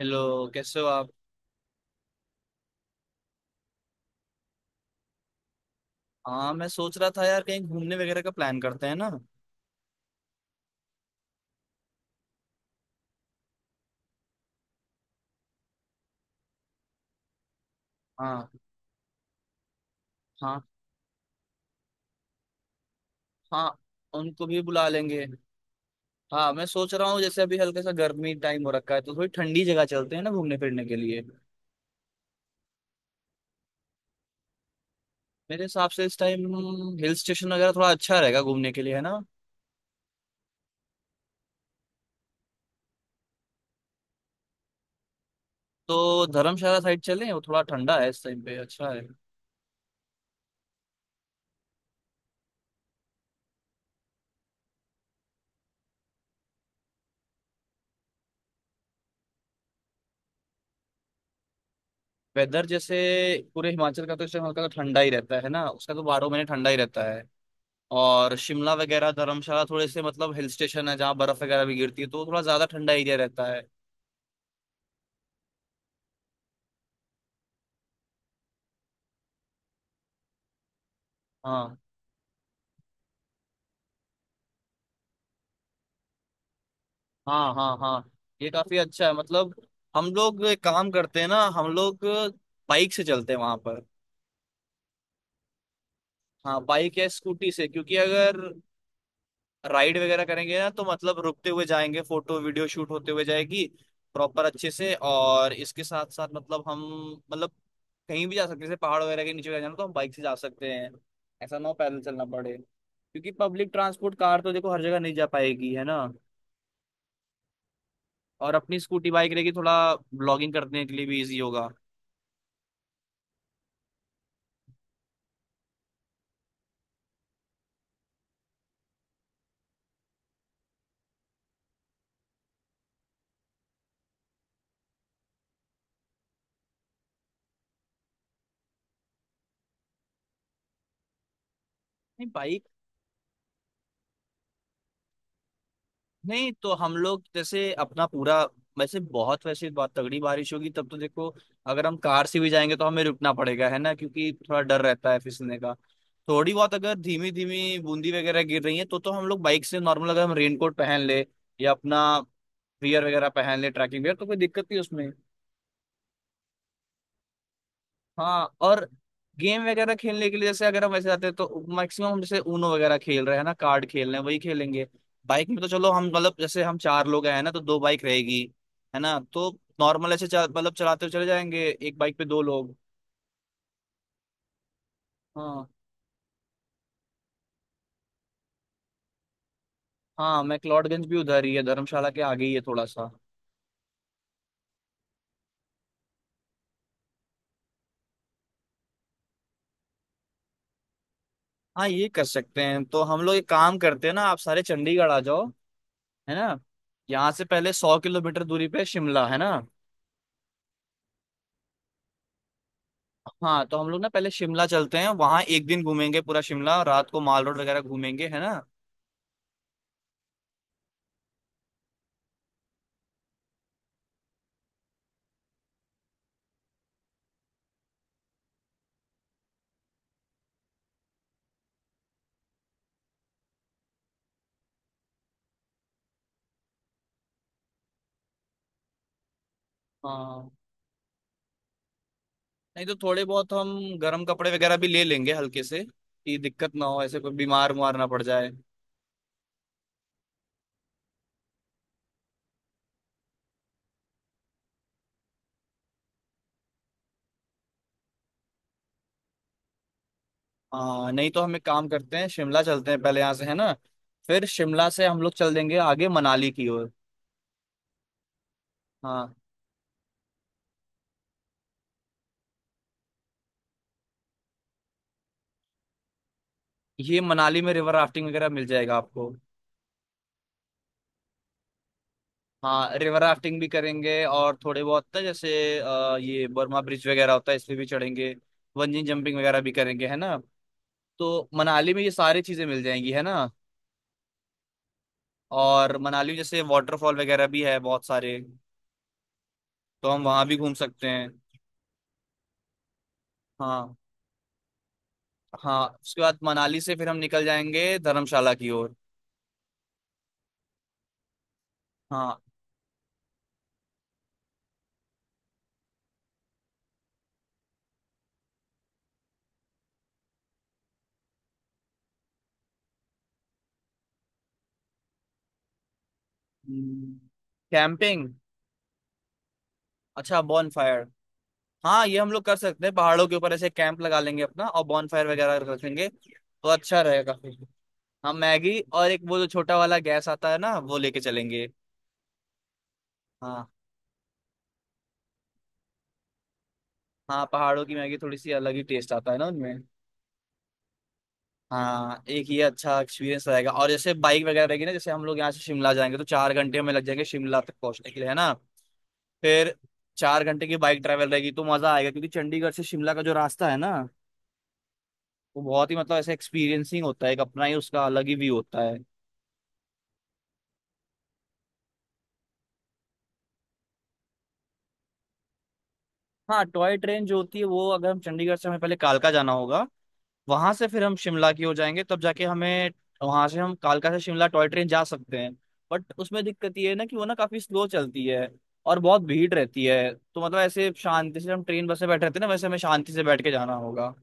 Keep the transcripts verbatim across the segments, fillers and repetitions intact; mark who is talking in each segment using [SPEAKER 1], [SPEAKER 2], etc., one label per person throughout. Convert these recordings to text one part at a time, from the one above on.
[SPEAKER 1] Hello, कैसे हो आप। हाँ, मैं सोच रहा था यार कहीं घूमने वगैरह का प्लान करते हैं ना। हाँ हाँ हाँ, उनको भी बुला लेंगे। हाँ, मैं सोच रहा हूँ जैसे अभी हल्का सा गर्मी टाइम हो रखा है तो थोड़ी ठंडी जगह चलते हैं ना घूमने फिरने के लिए। मेरे हिसाब से इस टाइम हिल स्टेशन वगैरह थोड़ा अच्छा रहेगा घूमने के लिए है ना। तो धर्मशाला साइड चलें, वो थोड़ा ठंडा है इस टाइम पे, अच्छा है। वेदर जैसे पूरे हिमाचल का तो इस टाइम हल्का सा ठंडा ही रहता है ना, उसका तो बारह महीने ठंडा ही रहता है। और शिमला वगैरह धर्मशाला थोड़े से मतलब हिल स्टेशन है जहाँ बर्फ वगैरह भी गिरती है तो थोड़ा ज्यादा ठंडा एरिया रहता है। हाँ हाँ हाँ हाँ, ये काफी अच्छा है मतलब। हम लोग एक काम करते हैं ना, हम लोग बाइक से चलते हैं वहां पर। हाँ, बाइक या स्कूटी से, क्योंकि अगर राइड वगैरह करेंगे ना तो मतलब रुकते हुए जाएंगे, फोटो वीडियो शूट होते हुए जाएगी प्रॉपर अच्छे से। और इसके साथ साथ मतलब हम, मतलब कहीं भी जा सकते हैं जैसे पहाड़ वगैरह के नीचे वगैरह जाना तो हम बाइक से जा सकते हैं। ऐसा ना हो पैदल चलना पड़े, क्योंकि पब्लिक ट्रांसपोर्ट कार तो देखो हर जगह नहीं जा पाएगी है ना। और अपनी स्कूटी बाइक रहेगी, थोड़ा ब्लॉगिंग करने के लिए भी इजी होगा। नहीं, बाइक। नहीं तो हम लोग जैसे अपना पूरा, वैसे बहुत वैसे बहुत तगड़ी बारिश होगी तब तो देखो, अगर हम कार से भी जाएंगे तो हमें रुकना पड़ेगा है ना, क्योंकि थोड़ा डर रहता है फिसलने का। थोड़ी बहुत अगर धीमी धीमी बूंदी वगैरह गिर रही है तो तो हम लोग बाइक से नॉर्मल अगर हम रेनकोट पहन ले या अपना वियर वगैरह पहन ले ट्रैकिंग वियर तो कोई दिक्कत नहीं उसमें। हाँ। और गेम वगैरह खेलने के लिए जैसे अगर हम वैसे जाते हैं तो मैक्सिमम हम जैसे ऊनो वगैरह खेल रहे हैं ना, कार्ड खेल रहे हैं, वही खेलेंगे। बाइक में तो चलो हम मतलब जैसे हम चार लोग हैं ना तो दो बाइक रहेगी, है ना। तो नॉर्मल ऐसे चल- मतलब चलाते हुए चले जाएंगे, एक बाइक पे दो लोग। हाँ, हाँ, मैक्लोडगंज भी उधर ही है, धर्मशाला के आगे ही है थोड़ा सा। हाँ, ये कर सकते हैं। तो हम लोग एक काम करते हैं ना, आप सारे चंडीगढ़ आ जाओ, है ना। यहाँ से पहले सौ किलोमीटर दूरी पे शिमला है ना। हाँ, तो हम लोग ना पहले शिमला चलते हैं, वहां एक दिन घूमेंगे पूरा शिमला, रात को माल रोड वगैरह घूमेंगे है ना। हाँ, नहीं तो थोड़े बहुत हम गर्म कपड़े वगैरह भी ले लेंगे हल्के से, कि दिक्कत ना हो, ऐसे कोई बीमार उमार ना पड़ जाए। हाँ, नहीं तो हम एक काम करते हैं, शिमला चलते हैं पहले यहाँ से, है ना। फिर शिमला से हम लोग चल देंगे आगे मनाली की ओर। हाँ, ये मनाली में रिवर राफ्टिंग वगैरह मिल जाएगा आपको। हाँ, रिवर राफ्टिंग भी करेंगे और थोड़े बहुत ना जैसे अ, ये बर्मा ब्रिज वगैरह होता है, इस पे भी चढ़ेंगे। बंजी जंपिंग वगैरह भी करेंगे है ना। तो मनाली में ये सारी चीजें मिल जाएंगी है ना। और मनाली में जैसे वाटरफॉल वगैरह भी है बहुत सारे, तो हम वहां भी घूम सकते हैं। हाँ। हाँ, उसके बाद मनाली से फिर हम निकल जाएंगे धर्मशाला की ओर। हाँ। कैंपिंग। अच्छा, बॉन फायर। हाँ, ये हम लोग कर सकते हैं, पहाड़ों के ऊपर ऐसे कैंप लगा लेंगे अपना और बॉन फायर वगैरह रखेंगे तो अच्छा रहेगा। हम मैगी और एक वो जो छोटा वाला गैस आता है ना वो लेके चलेंगे। हाँ। हाँ, पहाड़ों की मैगी थोड़ी सी अलग ही टेस्ट आता है ना उनमें। हाँ, एक ये अच्छा एक्सपीरियंस रहेगा। और जैसे बाइक वगैरह रहेगी ना, जैसे हम लोग यहाँ से शिमला जाएंगे तो चार घंटे में लग जाएंगे शिमला तक पहुंचने के लिए है ना। फिर चार घंटे की बाइक ट्रैवल रहेगी, तो मजा आएगा क्योंकि चंडीगढ़ से शिमला का जो रास्ता है ना वो बहुत ही मतलब ऐसे एक्सपीरियंसिंग होता है, एक अपना ही उसका अलग ही व्यू होता है। हाँ, टॉय ट्रेन जो होती है वो, अगर हम चंडीगढ़ से, हमें पहले कालका जाना होगा, वहां से फिर हम शिमला की हो जाएंगे तब जाके हमें, वहां से हम कालका से शिमला टॉय ट्रेन जा सकते हैं। बट उसमें दिक्कत ये है ना कि वो ना काफी स्लो चलती है और बहुत भीड़ रहती है, तो मतलब ऐसे शांति से हम ट्रेन बस में बैठे रहते हैं ना, वैसे हमें शांति से बैठ के जाना होगा।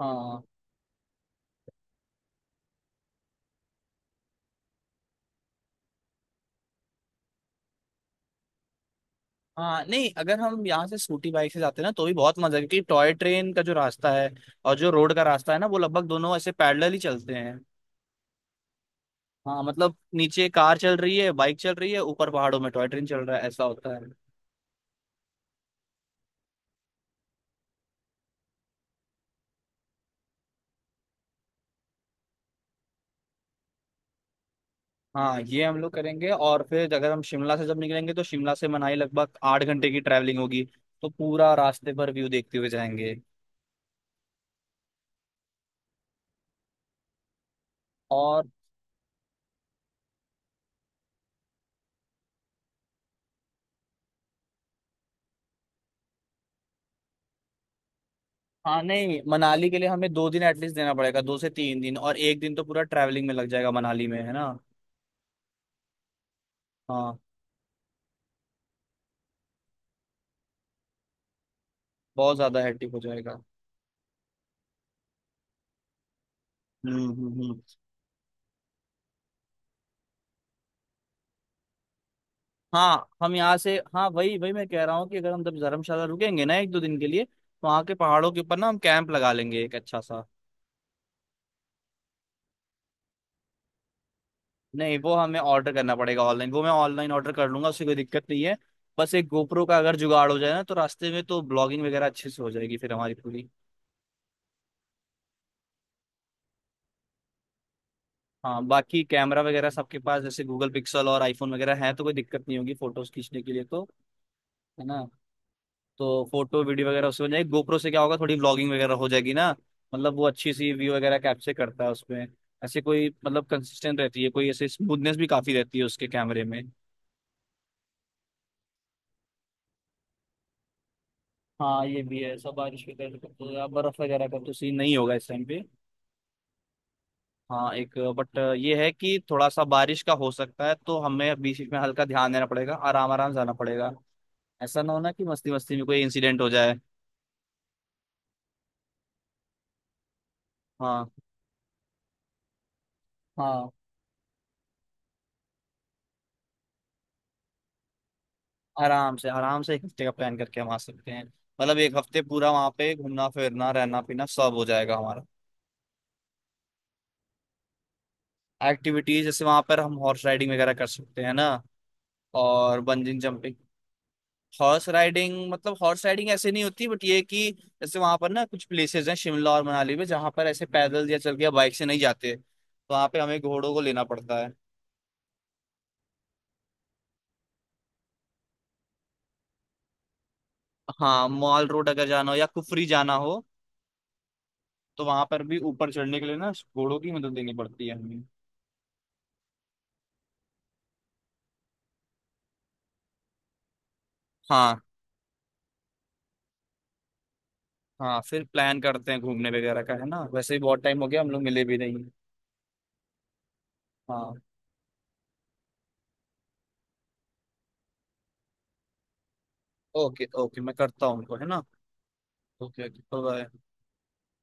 [SPEAKER 1] हाँ। हाँ, नहीं, अगर हम यहाँ से स्कूटी बाइक से जाते हैं ना तो भी बहुत मजा है, क्योंकि टॉय ट्रेन का जो रास्ता है और जो रोड का रास्ता है ना वो लगभग दोनों ऐसे पैरेलल ही चलते हैं। हाँ, मतलब नीचे कार चल रही है, बाइक चल रही है, ऊपर पहाड़ों में टॉय ट्रेन चल रहा है, ऐसा होता है। हाँ, ये हम लोग करेंगे। और फिर अगर हम शिमला से जब निकलेंगे तो शिमला से मनाली लगभग आठ घंटे की ट्रैवलिंग होगी, तो पूरा रास्ते भर व्यू देखते हुए जाएंगे। और हाँ, नहीं, मनाली के लिए हमें दो दिन एटलीस्ट देना पड़ेगा, दो से तीन दिन, और एक दिन तो पूरा ट्रैवलिंग में लग जाएगा मनाली में, है ना। हाँ। बहुत ज्यादा हेक्टिक हो जाएगा। हम्म हम्म हम्म। हाँ, हम यहाँ से, हाँ वही वही मैं कह रहा हूँ, कि अगर हम जब धर्मशाला रुकेंगे ना एक दो दिन के लिए, तो वहाँ के पहाड़ों के ऊपर ना हम कैंप लगा लेंगे एक अच्छा सा। नहीं, वो हमें ऑर्डर करना पड़ेगा ऑनलाइन, वो मैं ऑनलाइन ऑर्डर कर लूंगा, उससे कोई दिक्कत नहीं है। बस एक गोप्रो का अगर जुगाड़ हो जाए ना तो रास्ते में तो ब्लॉगिंग वगैरह अच्छे से हो जाएगी फिर हमारी पूरी। हाँ, बाकी कैमरा वगैरह सबके पास जैसे गूगल पिक्सल और आईफोन वगैरह है तो कोई दिक्कत नहीं होगी फोटोज खींचने के लिए तो, है ना। तो फोटो वीडियो वगैरह उससे हो जाएगी, गोप्रो से क्या होगा थोड़ी ब्लॉगिंग वगैरह हो जाएगी ना, मतलब वो अच्छी सी व्यू वगैरह कैप्चर करता है उसमें, ऐसे कोई मतलब कंसिस्टेंट रहती है, कोई ऐसे स्मूथनेस भी काफी रहती है उसके कैमरे में। हाँ, ये भी है, सब बारिश के कारण तो या बर्फ वगैरह का तो सीन नहीं होगा इस टाइम पे। हाँ, एक बट ये है कि थोड़ा सा बारिश का हो सकता है तो हमें बीच बीच में हल्का ध्यान देना पड़ेगा, आराम आराम जाना पड़ेगा, ऐसा ना होना कि मस्ती मस्ती में कोई इंसिडेंट हो जाए। हाँ हाँ, आराम से आराम से एक हफ्ते का प्लान करके हम आ सकते हैं, मतलब एक हफ्ते पूरा वहाँ पे घूमना फिरना रहना पीना सब हो जाएगा हमारा। एक्टिविटीज जैसे वहां पर हम हॉर्स राइडिंग वगैरह कर सकते हैं ना, और बंजिंग जंपिंग। हॉर्स राइडिंग मतलब, हॉर्स राइडिंग ऐसे नहीं होती, बट ये है कि जैसे वहां पर ना कुछ प्लेसेस हैं शिमला और मनाली में जहां पर ऐसे पैदल या चल के या बाइक से नहीं जाते तो वहां पे हमें घोड़ों को लेना पड़ता है। हाँ, मॉल रोड अगर जाना हो या कुफरी जाना हो तो वहां पर भी ऊपर चढ़ने के लिए ना घोड़ों की मदद लेनी पड़ती है हमें। हाँ हाँ, फिर प्लान करते हैं घूमने वगैरह का है ना, वैसे भी बहुत टाइम हो गया हम लोग मिले भी नहीं। हाँ, ओके ओके, मैं करता हूँ उनको है ना। Okay okay bye.